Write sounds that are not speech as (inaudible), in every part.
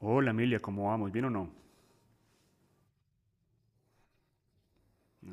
Hola Emilia, ¿cómo vamos? ¿Bien o no?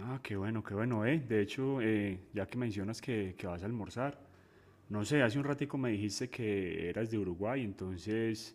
Ah, qué bueno, De hecho, ya que mencionas que vas a almorzar, no sé, hace un ratico me dijiste que eras de Uruguay, entonces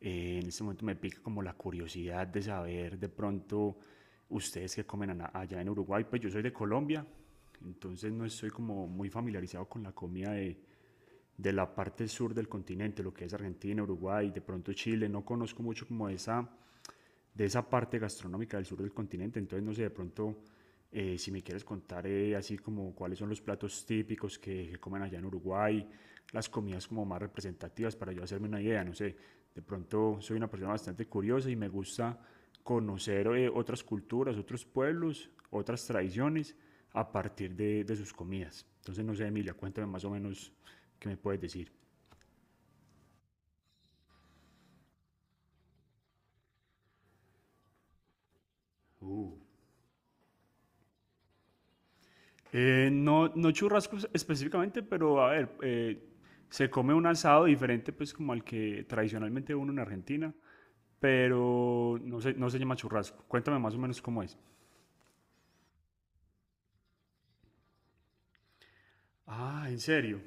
en este momento me pica como la curiosidad de saber de pronto ustedes qué comen allá en Uruguay. Pues yo soy de Colombia, entonces no estoy como muy familiarizado con la comida de la parte sur del continente, lo que es Argentina, Uruguay, de pronto Chile, no conozco mucho como esa de esa parte gastronómica del sur del continente. Entonces, no sé, de pronto, si me quieres contar así como cuáles son los platos típicos que comen allá en Uruguay, las comidas como más representativas para yo hacerme una idea, no sé. De pronto soy una persona bastante curiosa y me gusta conocer otras culturas, otros pueblos, otras tradiciones a partir de sus comidas. Entonces, no sé, Emilia, cuéntame más o menos qué me puedes decir. Uh, no, no churrascos específicamente, pero a ver, se come un asado diferente pues como al que tradicionalmente uno en Argentina, pero no se llama churrasco. Cuéntame más o menos cómo es. Ah, ¿en serio?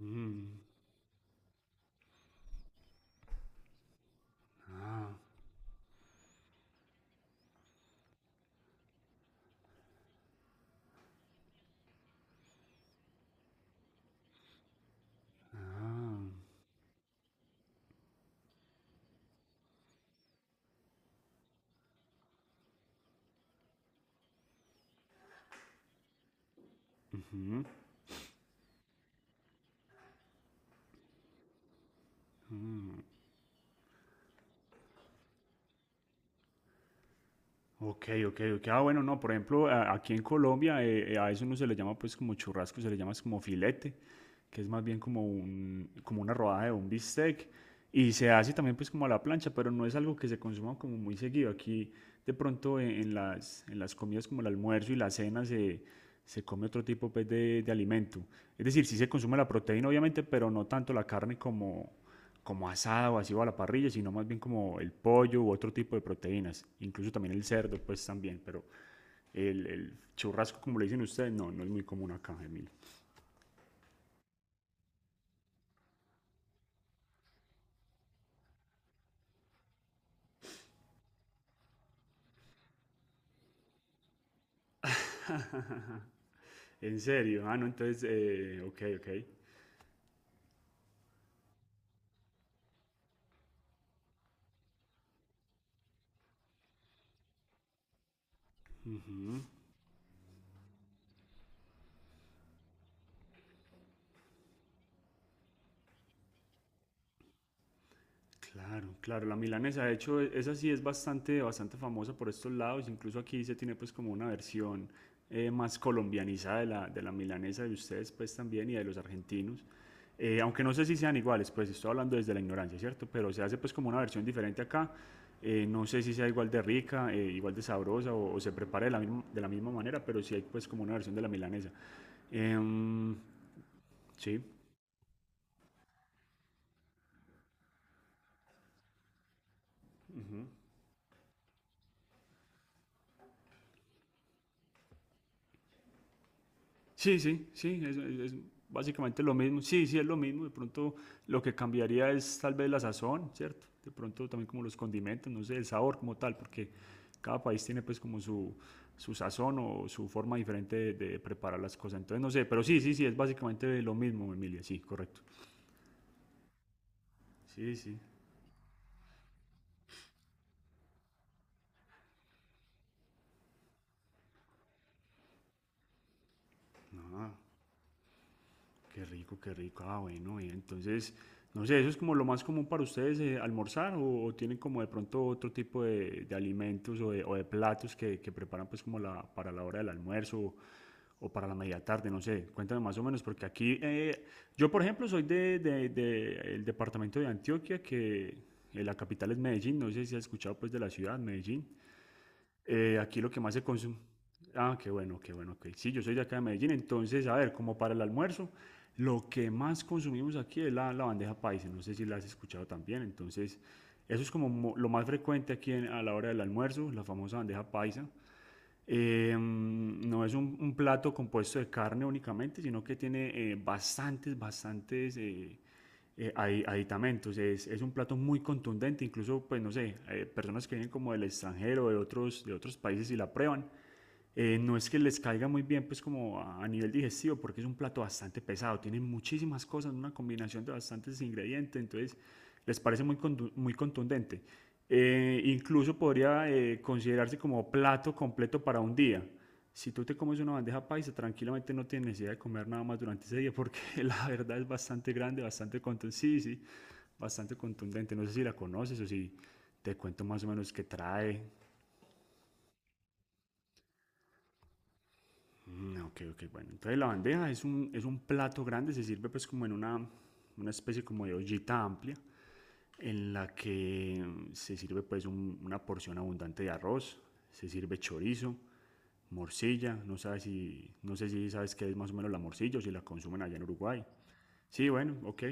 Mm, ah. Ok, ok, ok. Ah, bueno, no, por ejemplo, aquí en Colombia a eso no se le llama pues como churrasco, se le llama es como filete, que es más bien como un, como una rodaja de un bistec y se hace también pues como a la plancha, pero no es algo que se consuma como muy seguido. Aquí de pronto en en las comidas como el almuerzo y la cena se come otro tipo pues de alimento. Es decir, sí se consume la proteína obviamente, pero no tanto la carne como asada o así o a la parrilla, sino más bien como el pollo u otro tipo de proteínas, incluso también el cerdo, pues también, pero el churrasco, como le dicen ustedes, no, no es muy común acá, Emilio. En serio, ah, no, entonces, ok, ok. Claro, claro, la milanesa, de hecho, esa sí es bastante, bastante famosa por estos lados, incluso aquí se tiene pues como una versión más colombianizada de de la milanesa de ustedes pues también y de los argentinos. Aunque no sé si sean iguales, pues estoy hablando desde la ignorancia, ¿cierto? Pero se hace pues como una versión diferente acá. No sé si sea igual de rica, igual de sabrosa o se prepare de de la misma manera, pero sí hay pues como una versión de la milanesa. Em, sí. Sí, sí, sí, es básicamente lo mismo. Sí, sí, es lo mismo. De pronto lo que cambiaría es tal vez la sazón, ¿cierto? De pronto también como los condimentos, no sé, el sabor como tal, porque cada país tiene pues como su sazón o su forma diferente de preparar las cosas. Entonces, no sé, pero sí, sí, sí, es básicamente lo mismo, Emilia, sí, correcto. Sí, sí. Ah. Qué rico, qué rico. Ah, bueno, bien. Entonces, no sé, ¿eso es como lo más común para ustedes almorzar o tienen como de pronto otro tipo de alimentos o o de platos que preparan pues como para la hora del almuerzo o para la media tarde? No sé, cuéntame más o menos, porque aquí yo, por ejemplo, soy de el departamento de Antioquia, que la capital es Medellín, no sé si has escuchado pues de la ciudad, Medellín. Aquí lo que más se consume. Ah, qué bueno, ok. Sí, yo soy de acá de Medellín, entonces, a ver, como para el almuerzo, lo que más consumimos aquí es la bandeja paisa, no sé si la has escuchado también, entonces, eso es como lo más frecuente aquí a la hora del almuerzo, la famosa bandeja paisa. No es un plato compuesto de carne únicamente, sino que tiene bastantes, bastantes aditamentos. Es un plato muy contundente, incluso, pues no sé, personas que vienen como del extranjero, de otros países y la prueban, no es que les caiga muy bien, pues como a nivel digestivo, porque es un plato bastante pesado, tiene muchísimas cosas, una combinación de bastantes ingredientes, entonces les parece muy contundente. Incluso podría considerarse como plato completo para un día. Si tú te comes una bandeja paisa, tranquilamente no tienes necesidad de comer nada más durante ese día, porque (laughs) la verdad es bastante grande, bastante contundente, sí, sí, bastante contundente. No sé si la conoces o si te cuento más o menos qué trae. Mm, ok, ok, bueno. Entonces la bandeja es un plato grande, se sirve pues como en una especie como de ollita amplia en la que se sirve pues una porción abundante de arroz, se sirve chorizo, morcilla, no sé si sabes qué es más o menos la morcilla o si la consumen allá en Uruguay. Sí, bueno, ok.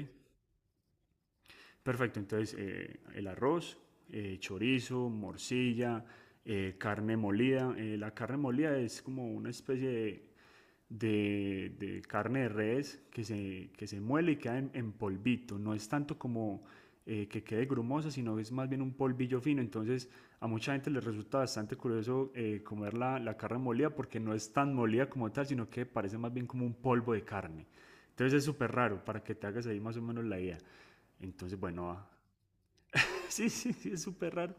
Perfecto, entonces el arroz, chorizo, morcilla, carne molida. La carne molida es como una especie de de carne de res que se muele y queda en polvito. No es tanto como que quede grumosa, sino es más bien un polvillo fino. Entonces a mucha gente les resulta bastante curioso comer la carne molida porque no es tan molida como tal, sino que parece más bien como un polvo de carne. Entonces es súper raro para que te hagas ahí más o menos la idea. Entonces, bueno, (laughs) sí, sí, sí, es súper raro.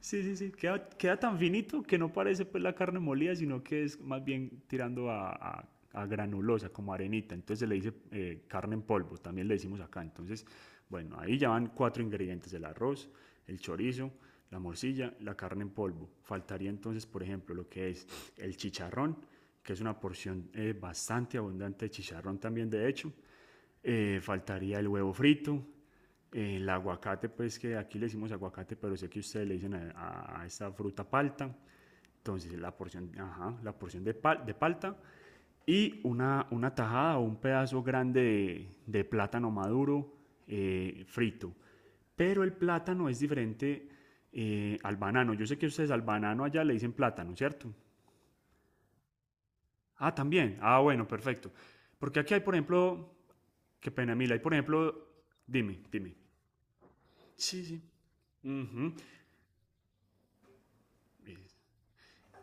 Sí, sí, sí. Queda, queda tan finito que no parece pues la carne molida, sino que es más bien tirando a granulosa, como arenita. Entonces se le dice carne en polvo, también le decimos acá. Entonces, bueno, ahí ya van cuatro ingredientes, el arroz, el chorizo, la morcilla, la carne en polvo. Faltaría entonces, por ejemplo, lo que es el chicharrón, que es una porción bastante abundante de chicharrón también, de hecho. Faltaría el huevo frito, el aguacate, pues que aquí le decimos aguacate, pero sé que ustedes le dicen esta fruta palta. Entonces, la porción, ajá, la porción de palta y una tajada o un pedazo grande de plátano maduro frito. Pero el plátano es diferente al banano. Yo sé que ustedes al banano allá le dicen plátano, ¿cierto? Ah, también. Ah, bueno, perfecto. Porque aquí hay, por ejemplo, qué pena, Mila, hay, por ejemplo, dime, dime. Sí, sí. Ujú. Eh,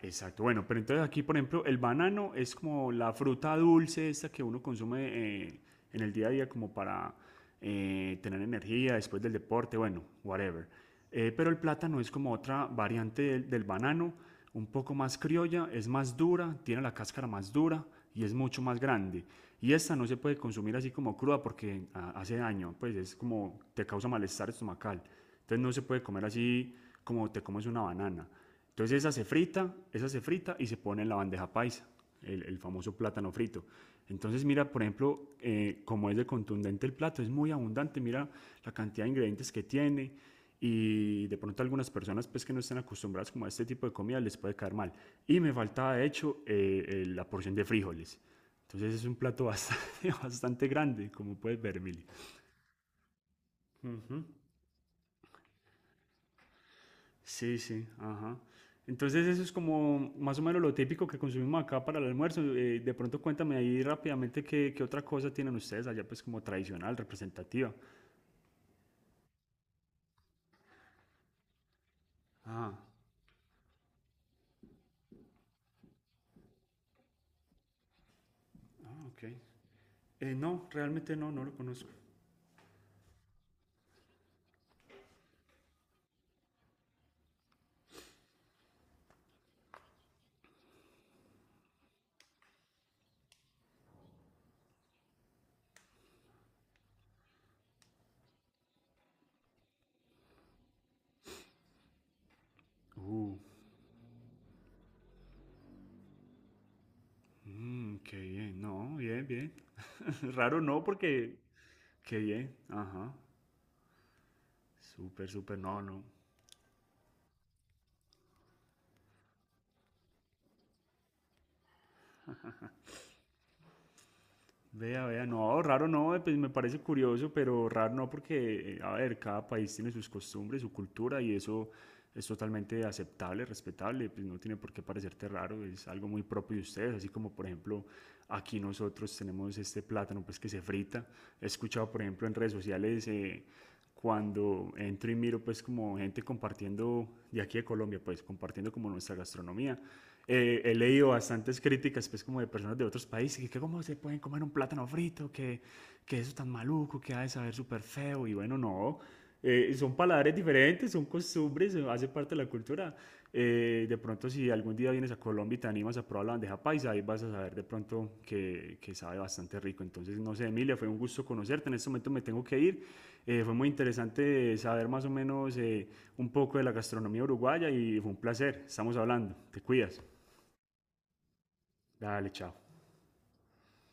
Exacto, bueno, pero entonces aquí, por ejemplo, el banano es como la fruta dulce esta que uno consume eh, en el día a día como para tener energía después del deporte, bueno, whatever. Pero el plátano es como otra variante del banano, un poco más criolla, es más dura, tiene la cáscara más dura y es mucho más grande. Y esta no se puede consumir así como cruda porque ah, hace daño, pues es como te causa malestar estomacal. Entonces no se puede comer así como te comes una banana. Entonces esa se frita y se pone en la bandeja paisa, el famoso plátano frito. Entonces mira, por ejemplo, como es de contundente el plato, es muy abundante, mira la cantidad de ingredientes que tiene y de pronto a algunas personas pues que no están acostumbradas como a este tipo de comida les puede caer mal. Y me faltaba de hecho la porción de frijoles. Entonces es un plato (laughs) bastante, bastante grande, como puedes ver, Mili. Ujú. Sí, sí, ajá. Entonces eso es como más o menos lo típico que consumimos acá para el almuerzo. De pronto cuéntame ahí rápidamente qué otra cosa tienen ustedes allá pues como tradicional, representativa. Ah, ah, ok. No, realmente no, no lo conozco. Uh, mm, qué bien, no, bien, bien. (laughs) Raro no, porque qué bien, ajá. Súper, súper, no, no. Vea, vea, no, raro no, pues me parece curioso, pero raro no porque, a ver, cada país tiene sus costumbres, su cultura y eso es totalmente aceptable, respetable, pues no tiene por qué parecerte raro, es algo muy propio de ustedes, así como por ejemplo aquí nosotros tenemos este plátano pues que se frita. He escuchado por ejemplo en redes sociales cuando entro y miro pues como gente compartiendo de aquí de Colombia, pues compartiendo como nuestra gastronomía. He leído bastantes críticas pues como de personas de otros países, que cómo se pueden comer un plátano frito, que eso tan maluco, que ha de saber súper feo, y bueno, no, son paladares diferentes, son costumbres, hace parte de la cultura. De pronto, si algún día vienes a Colombia y te animas a probar la bandeja paisa, ahí vas a saber de pronto que sabe bastante rico. Entonces, no sé, Emilia, fue un gusto conocerte. En este momento me tengo que ir. Fue muy interesante saber más o menos un poco de la gastronomía uruguaya y fue un placer. Estamos hablando. Te cuidas. Dale, chao.